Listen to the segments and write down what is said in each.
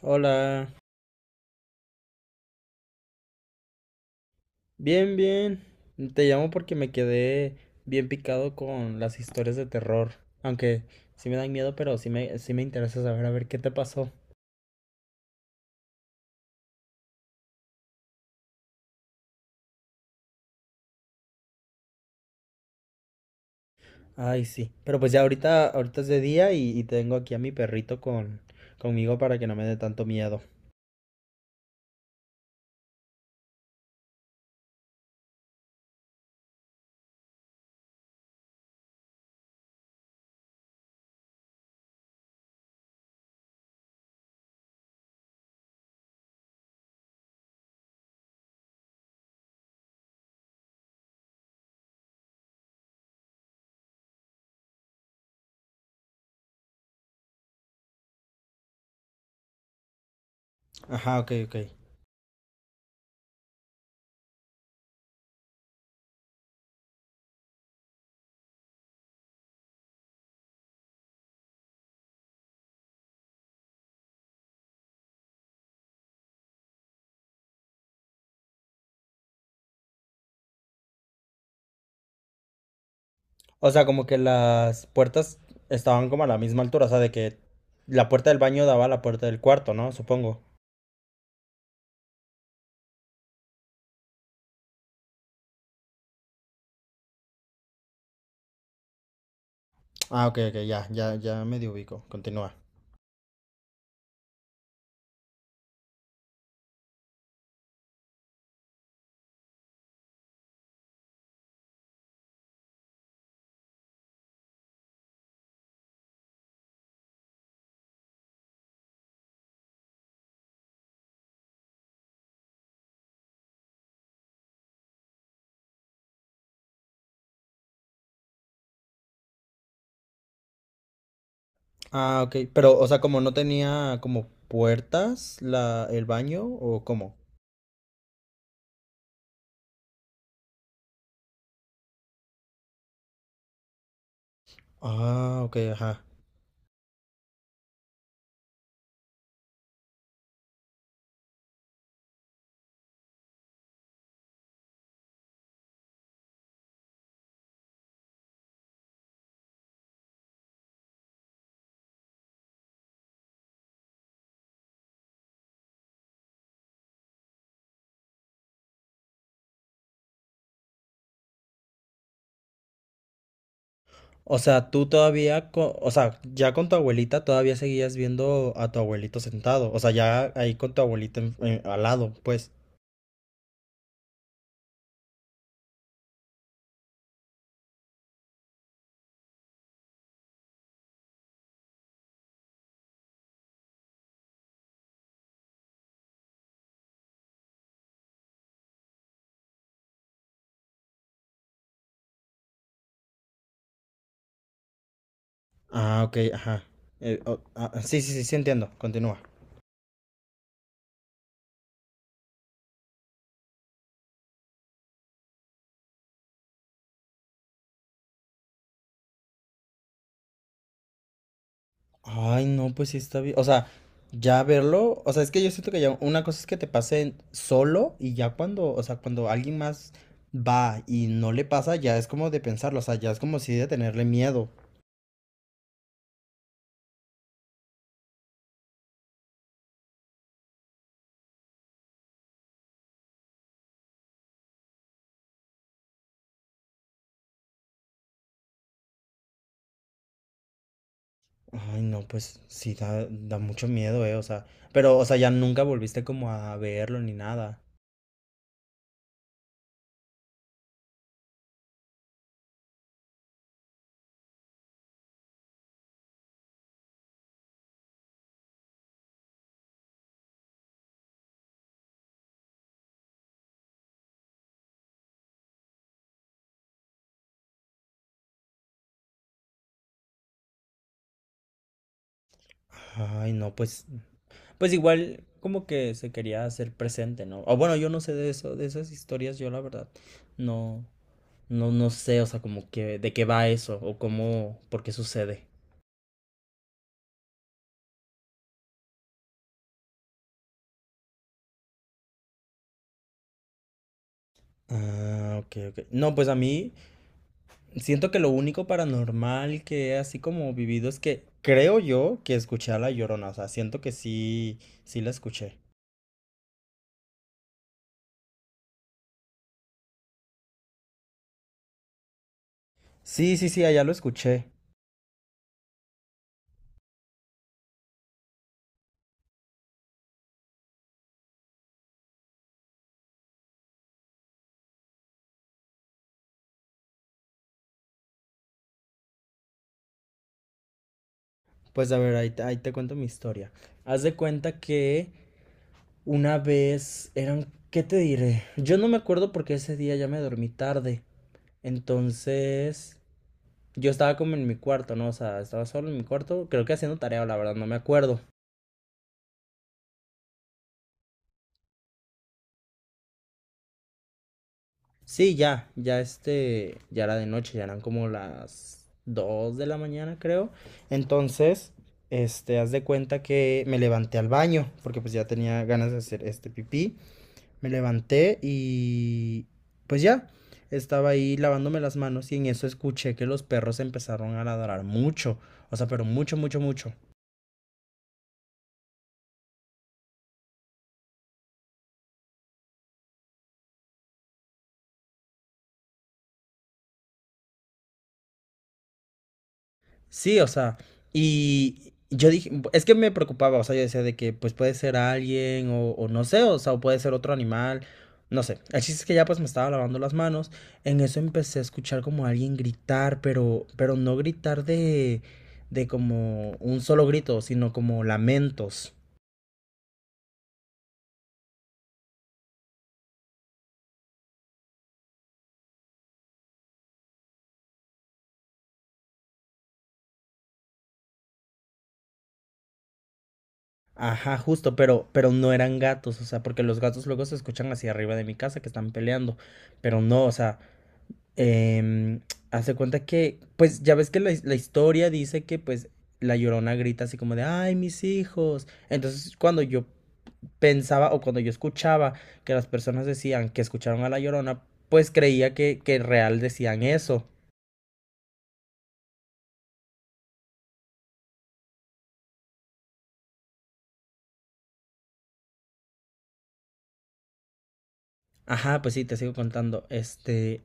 Hola, bien, bien. Te llamo porque me quedé bien picado con las historias de terror. Aunque sí me dan miedo, pero sí me interesa saber a ver qué te pasó. Ay, sí. Pero pues ya ahorita es de día y tengo aquí a mi perrito conmigo para que no me dé tanto miedo. Ajá, ok, ok. O sea, como que las puertas estaban como a la misma altura, o sea, de que la puerta del baño daba a la puerta del cuarto, ¿no? Supongo. Ah, ok, ok, ya, ya, ya medio ubico. Continúa. Ah, ok. Pero, o sea, como no tenía como puertas el baño o cómo. Ah, ok, ajá. O sea, tú todavía, o sea, ya con tu abuelita todavía seguías viendo a tu abuelito sentado. O sea, ya ahí con tu abuelita al lado, pues. Ah, ok, ajá. Sí, sí, sí, sí, entiendo. Continúa. Ay, no, pues sí está bien. O sea, ya verlo, o sea, es que yo siento que ya una cosa es que te pase solo y ya cuando, o sea, cuando alguien más va y no le pasa, ya es como de pensarlo, o sea, ya es como si de tenerle miedo. Ay, no, pues sí da mucho miedo, o sea, pero, o sea, ya nunca volviste como a verlo ni nada. Ay, no, pues igual como que se quería hacer presente, ¿no? O bueno, yo no sé de eso, de esas historias, yo la verdad, no. No, no sé, o sea, como que de qué va eso o cómo, por qué sucede. Ah, ok, ok. No, pues a mí siento que lo único paranormal que he así como vivido es que creo yo que escuché a la Llorona, o sea, siento que sí, sí la escuché. Sí, sí, sí, allá lo escuché. Pues a ver, ahí te cuento mi historia. Haz de cuenta que una vez eran, ¿qué te diré? Yo no me acuerdo porque ese día ya me dormí tarde. Entonces, yo estaba como en mi cuarto, ¿no? O sea, estaba solo en mi cuarto, creo que haciendo tarea, la verdad, no me acuerdo. Sí, ya era de noche, ya eran como las 2 de la mañana, creo. Entonces, haz de cuenta que me levanté al baño, porque pues ya tenía ganas de hacer este pipí. Me levanté y pues ya, estaba ahí lavándome las manos y en eso escuché que los perros empezaron a ladrar mucho, o sea, pero mucho, mucho, mucho. Sí, o sea, y yo dije, es que me preocupaba, o sea, yo decía de que pues puede ser alguien o no sé, o sea, o puede ser otro animal, no sé. El chiste es que ya pues me estaba lavando las manos, en eso empecé a escuchar como alguien gritar, pero no gritar de como un solo grito, sino como lamentos. Ajá, justo, pero no eran gatos, o sea, porque los gatos luego se escuchan hacia arriba de mi casa que están peleando, pero no, o sea. Em, Hace cuenta que, pues ya ves que la historia dice que pues la Llorona grita así como de, ay, mis hijos. Entonces cuando yo pensaba o cuando yo escuchaba que las personas decían que escucharon a la Llorona, pues creía que en real decían eso. Ajá, pues sí, te sigo contando.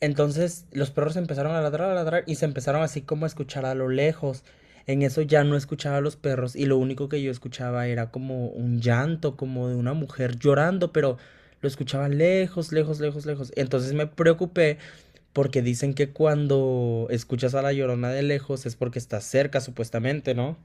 Entonces los perros empezaron a ladrar y se empezaron así como a escuchar a lo lejos. En eso ya no escuchaba a los perros y lo único que yo escuchaba era como un llanto, como de una mujer llorando, pero lo escuchaba lejos, lejos, lejos, lejos. Entonces me preocupé porque dicen que cuando escuchas a la Llorona de lejos es porque estás cerca, supuestamente, ¿no?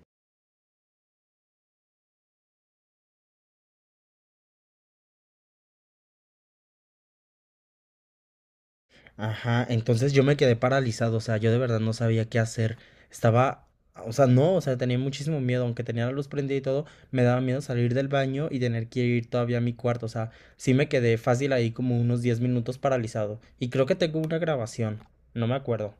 Ajá, entonces yo me quedé paralizado, o sea, yo de verdad no sabía qué hacer. Estaba, o sea, no, o sea, tenía muchísimo miedo, aunque tenía la luz prendida y todo, me daba miedo salir del baño y tener que ir todavía a mi cuarto, o sea, sí me quedé fácil ahí como unos 10 minutos paralizado. Y creo que tengo una grabación, no me acuerdo.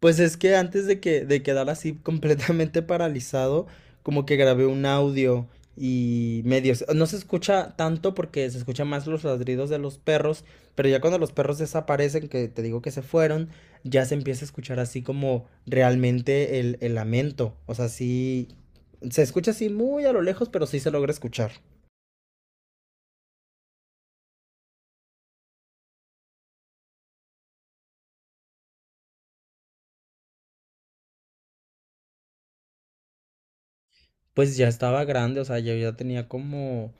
Pues es que antes de que de quedar así completamente paralizado, como que grabé un audio y medio, no se escucha tanto porque se escuchan más los ladridos de los perros, pero ya cuando los perros desaparecen, que te digo que se fueron, ya se empieza a escuchar así como realmente el lamento. O sea, sí, se escucha así muy a lo lejos, pero sí se logra escuchar. Pues ya estaba grande, o sea, yo ya tenía como,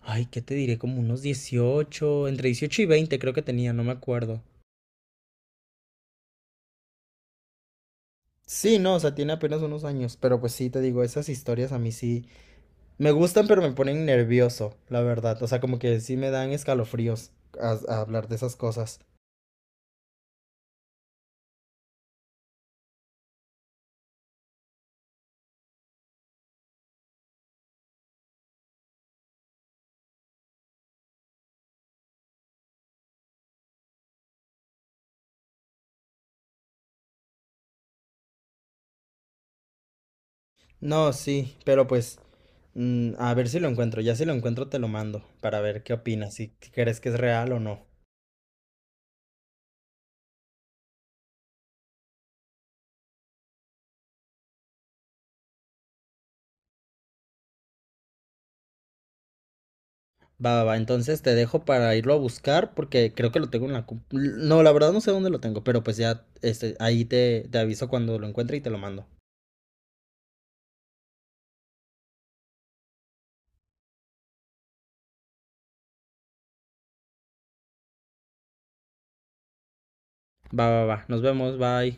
ay, ¿qué te diré? Como unos 18 entre 18 y 20 creo que tenía, no me acuerdo. Sí, no, o sea, tiene apenas unos años, pero pues sí, te digo, esas historias a mí sí me gustan, pero me ponen nervioso, la verdad. O sea, como que sí me dan escalofríos a hablar de esas cosas. No, sí, pero pues a ver si lo encuentro. Ya si lo encuentro te lo mando para ver qué opinas, si crees que es real o no. Va, va, va, entonces te dejo para irlo a buscar porque creo que lo tengo en no, la verdad no sé dónde lo tengo, pero pues ya ahí te aviso cuando lo encuentre y te lo mando. Va, va, va, nos vemos, bye.